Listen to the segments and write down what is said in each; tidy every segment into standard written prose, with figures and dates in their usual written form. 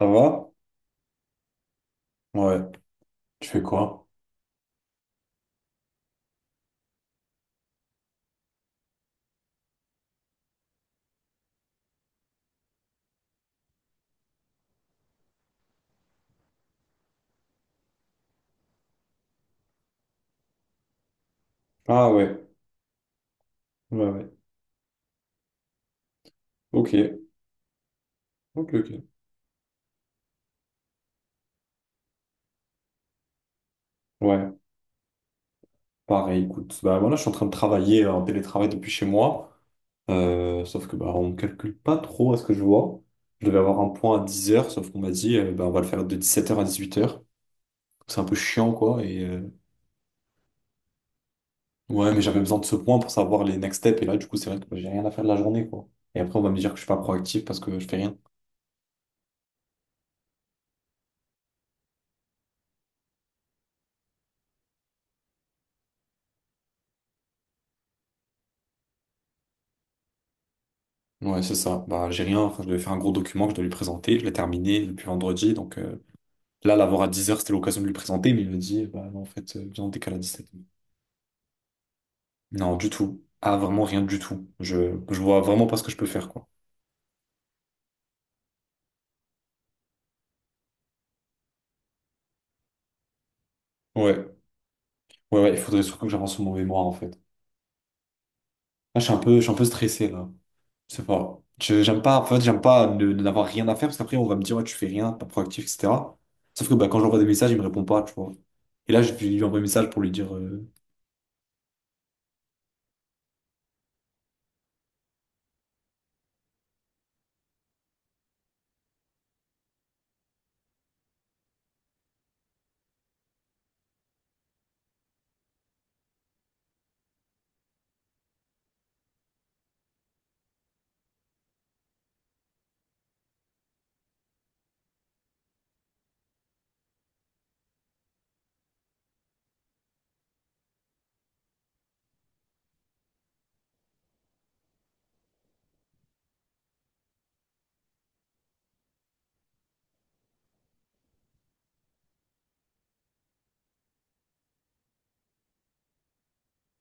Ça va? Ouais. Tu fais quoi? Ah ouais. Ouais, ouais. Ok. Ok, ok. Ouais. Pareil, écoute. Bah voilà je suis en train de travailler en télétravail depuis chez moi. Sauf que bah on ne calcule pas trop à ce que je vois. Je devais avoir un point à 10 heures sauf qu'on m'a dit bah, on va le faire de 17 heures à 18 heures. C'est un peu chiant, quoi. Et ouais, mais j'avais besoin de ce point pour savoir les next steps. Et là, du coup, c'est vrai que bah, j'ai rien à faire de la journée, quoi. Et après, on va me dire que je suis pas proactif parce que je fais rien. Ouais, c'est ça. Bah j'ai rien. Enfin, je devais faire un gros document que je dois lui présenter. Je l'ai terminé depuis vendredi, donc. Là, l'avoir à 10 heures, c'était l'occasion de lui présenter, mais il m'a dit, bah non, en fait, viens, on décale à 17h. Non, du tout. Ah, vraiment rien du tout. Je vois vraiment pas ce que je peux faire, quoi. Ouais, ouais, ouais, il faudrait surtout que j'avance sur mon mémoire, en fait. Là, je suis un peu stressé, là. Je sais pas. J'aime pas, en fait, j'aime pas n'avoir rien à faire, parce qu'après, on va me dire, ouais, tu fais rien, t'es pas proactif, etc. Sauf que bah, quand j'envoie des messages, il me répond pas, tu vois. Et là, je lui envoie un message pour lui dire,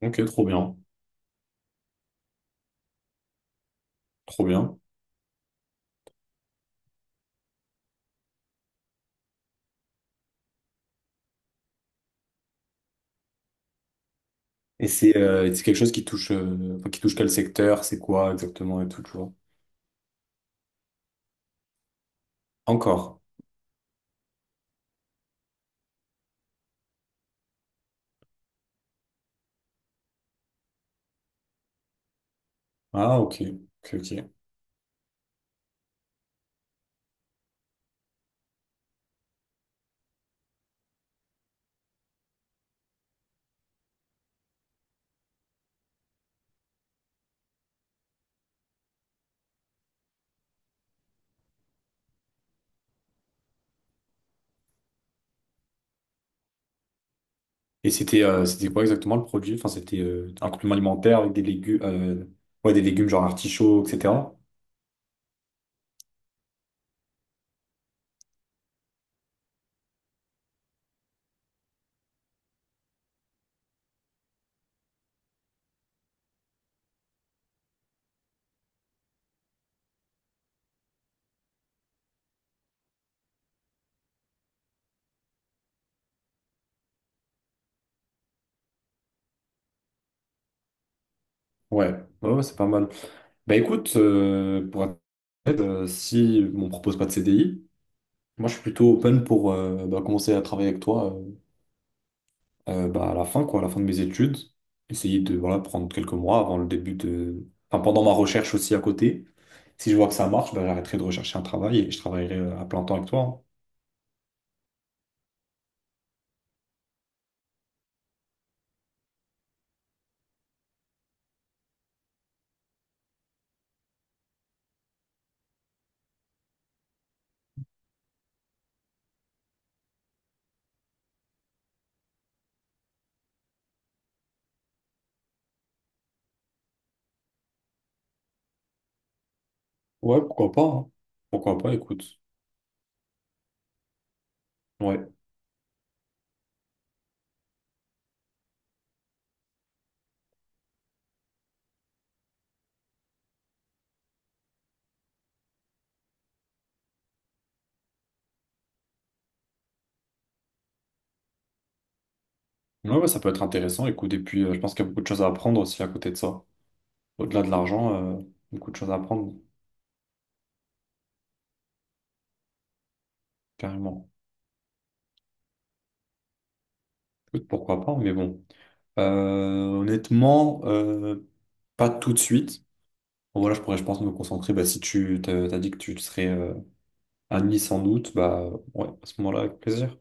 ok, trop bien, trop bien. Et c'est quelque chose qui touche, enfin, qui touche quel secteur, c'est quoi exactement et tout, tu vois. Encore. Ah, ok. Ok, ok. Et c'était quoi exactement le produit? Enfin, c'était un complément alimentaire avec des légumes, ouais, des légumes genre artichauts, etc. Ouais, ouais, ouais, c'est pas mal. Bah écoute, pour être honnête, si on me propose pas de CDI, moi je suis plutôt open pour bah, commencer à travailler avec toi bah, à la fin, quoi, à la fin de mes études. Essayer de voilà, prendre quelques mois avant le début de. Enfin, pendant ma recherche aussi à côté. Si je vois que ça marche, bah, j'arrêterai de rechercher un travail et je travaillerai à plein temps avec toi, hein. Ouais, pourquoi pas, hein. Pourquoi pas, écoute. Ouais. Ouais, ouais, ça peut être intéressant, écoute. Et puis, je pense qu'il y a beaucoup de choses à apprendre aussi à côté de ça. Au-delà de l'argent, beaucoup de choses à apprendre, carrément. Écoute, pourquoi pas, mais bon. Honnêtement, pas tout de suite. Bon, voilà, je pourrais, je pense, me concentrer. Bah, si t'as dit que tu serais à Nice sans doute, bah ouais, à ce moment-là, avec plaisir.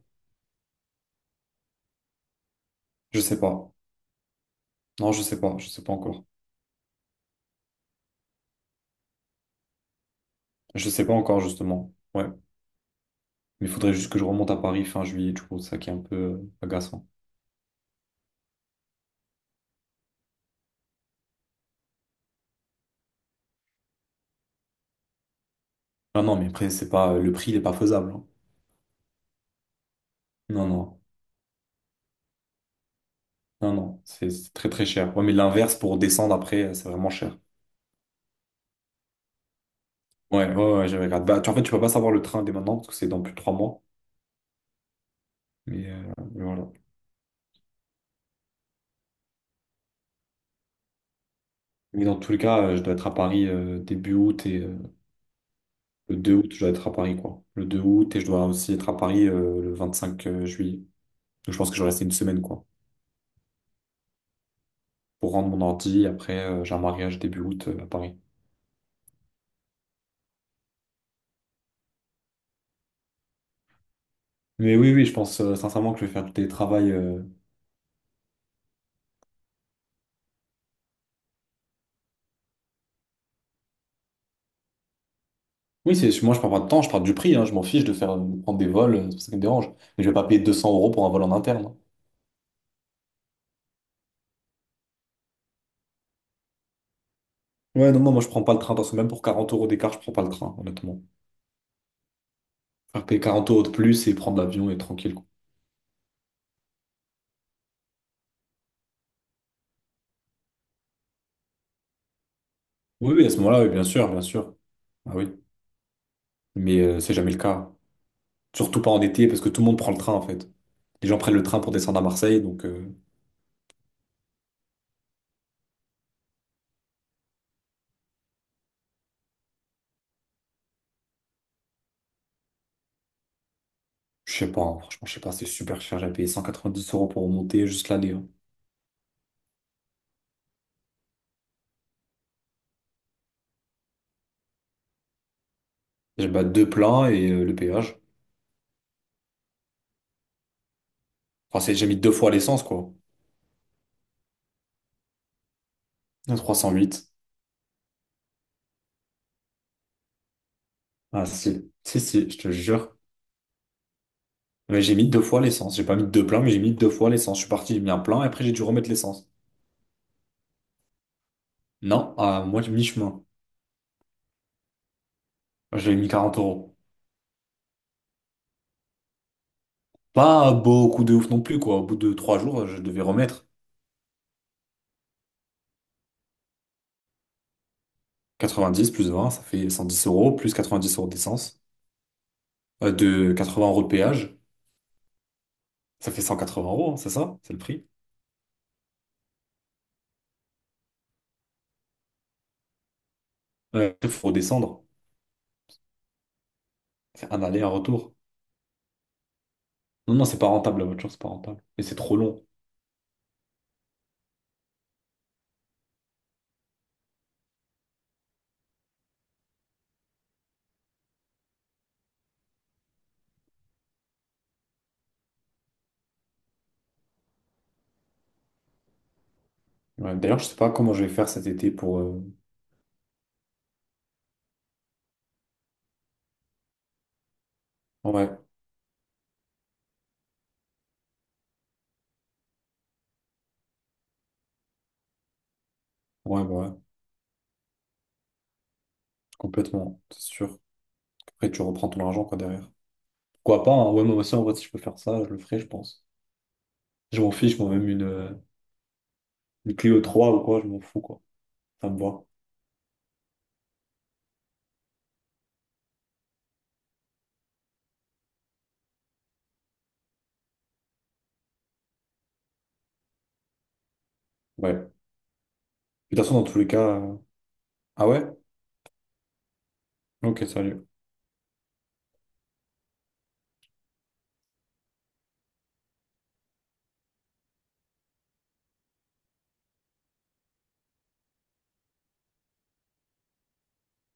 Je sais pas. Non, je sais pas encore. Je sais pas encore, justement. Ouais. Mais il faudrait juste que je remonte à Paris fin juillet, du coup, ça qui est un peu agaçant. Non, non, mais après, c'est pas, le prix, il est pas faisable, hein. Non, non, non, non, c'est très très cher. Ouais, mais l'inverse pour descendre après, c'est vraiment cher. Ouais, ouais, ouais, j'avais regardé. Bah, tu, en fait, tu peux pas savoir le train dès maintenant parce que c'est dans plus de 3 mois. Mais, voilà. Mais dans tous les cas, je dois être à Paris début août et le 2 août, je dois être à Paris, quoi. Le 2 août et je dois aussi être à Paris le 25 juillet. Donc, je pense que je vais rester une semaine, quoi, pour rendre mon ordi. Après, j'ai un mariage début août à Paris. Mais oui, oui, je pense sincèrement que je vais faire du télétravail. Oui, moi je parle pas de temps, je parle du prix, hein, je m'en fiche de faire de prendre des vols, c'est ça qui me dérange. Mais je vais pas payer 200 € pour un vol en interne. Ouais, non, non, moi je prends pas le train, parce que même pour 40 € d'écart, je prends pas le train, honnêtement. Faire payer 40 € de plus et prendre l'avion et être tranquille, quoi. Oui, oui, à ce moment-là, oui, bien sûr, bien sûr. Ah oui. Mais c'est jamais le cas. Surtout pas en été, parce que tout le monde prend le train, en fait. Les gens prennent le train pour descendre à Marseille, donc je sais pas, hein, franchement, je sais pas, c'est super cher, j'ai payé 190 € pour remonter juste l'aller, hein. J'ai bah, deux pleins et le péage. Enfin, j'ai mis deux fois l'essence, quoi. 308. Ah si, si, si, je te jure. Mais j'ai mis deux fois l'essence. J'ai pas mis deux pleins, mais j'ai mis deux fois l'essence. Je suis parti, j'ai mis un plein et après j'ai dû remettre l'essence. Non, à moi, j'ai mi-chemin. J'ai mis 40 euros. Pas beaucoup de ouf non plus, quoi. Au bout de 3 jours, je devais remettre 90 plus 20 ça fait 110 euros, plus 90 € d'essence. De 20 € de péage, ça fait 180 euros, hein, c'est ça? C'est le prix. Il faut redescendre. C'est un aller, un retour. Non, non, c'est pas rentable, la voiture, c'est pas rentable. Et c'est trop long. Ouais, d'ailleurs, je sais pas comment je vais faire cet été pour. Ouais, ouais, bah ouais. Complètement, c'est sûr. Après, tu reprends ton argent, quoi, derrière. Pourquoi pas, hein. Ouais, moi aussi, en vrai, si je peux faire ça, je le ferai, je pense. Je m'en fiche, moi, même une Clio 3 ou quoi, je m'en fous, quoi. Ça me va. Ouais. De toute façon, dans tous les cas. Ah ouais? Ok, salut.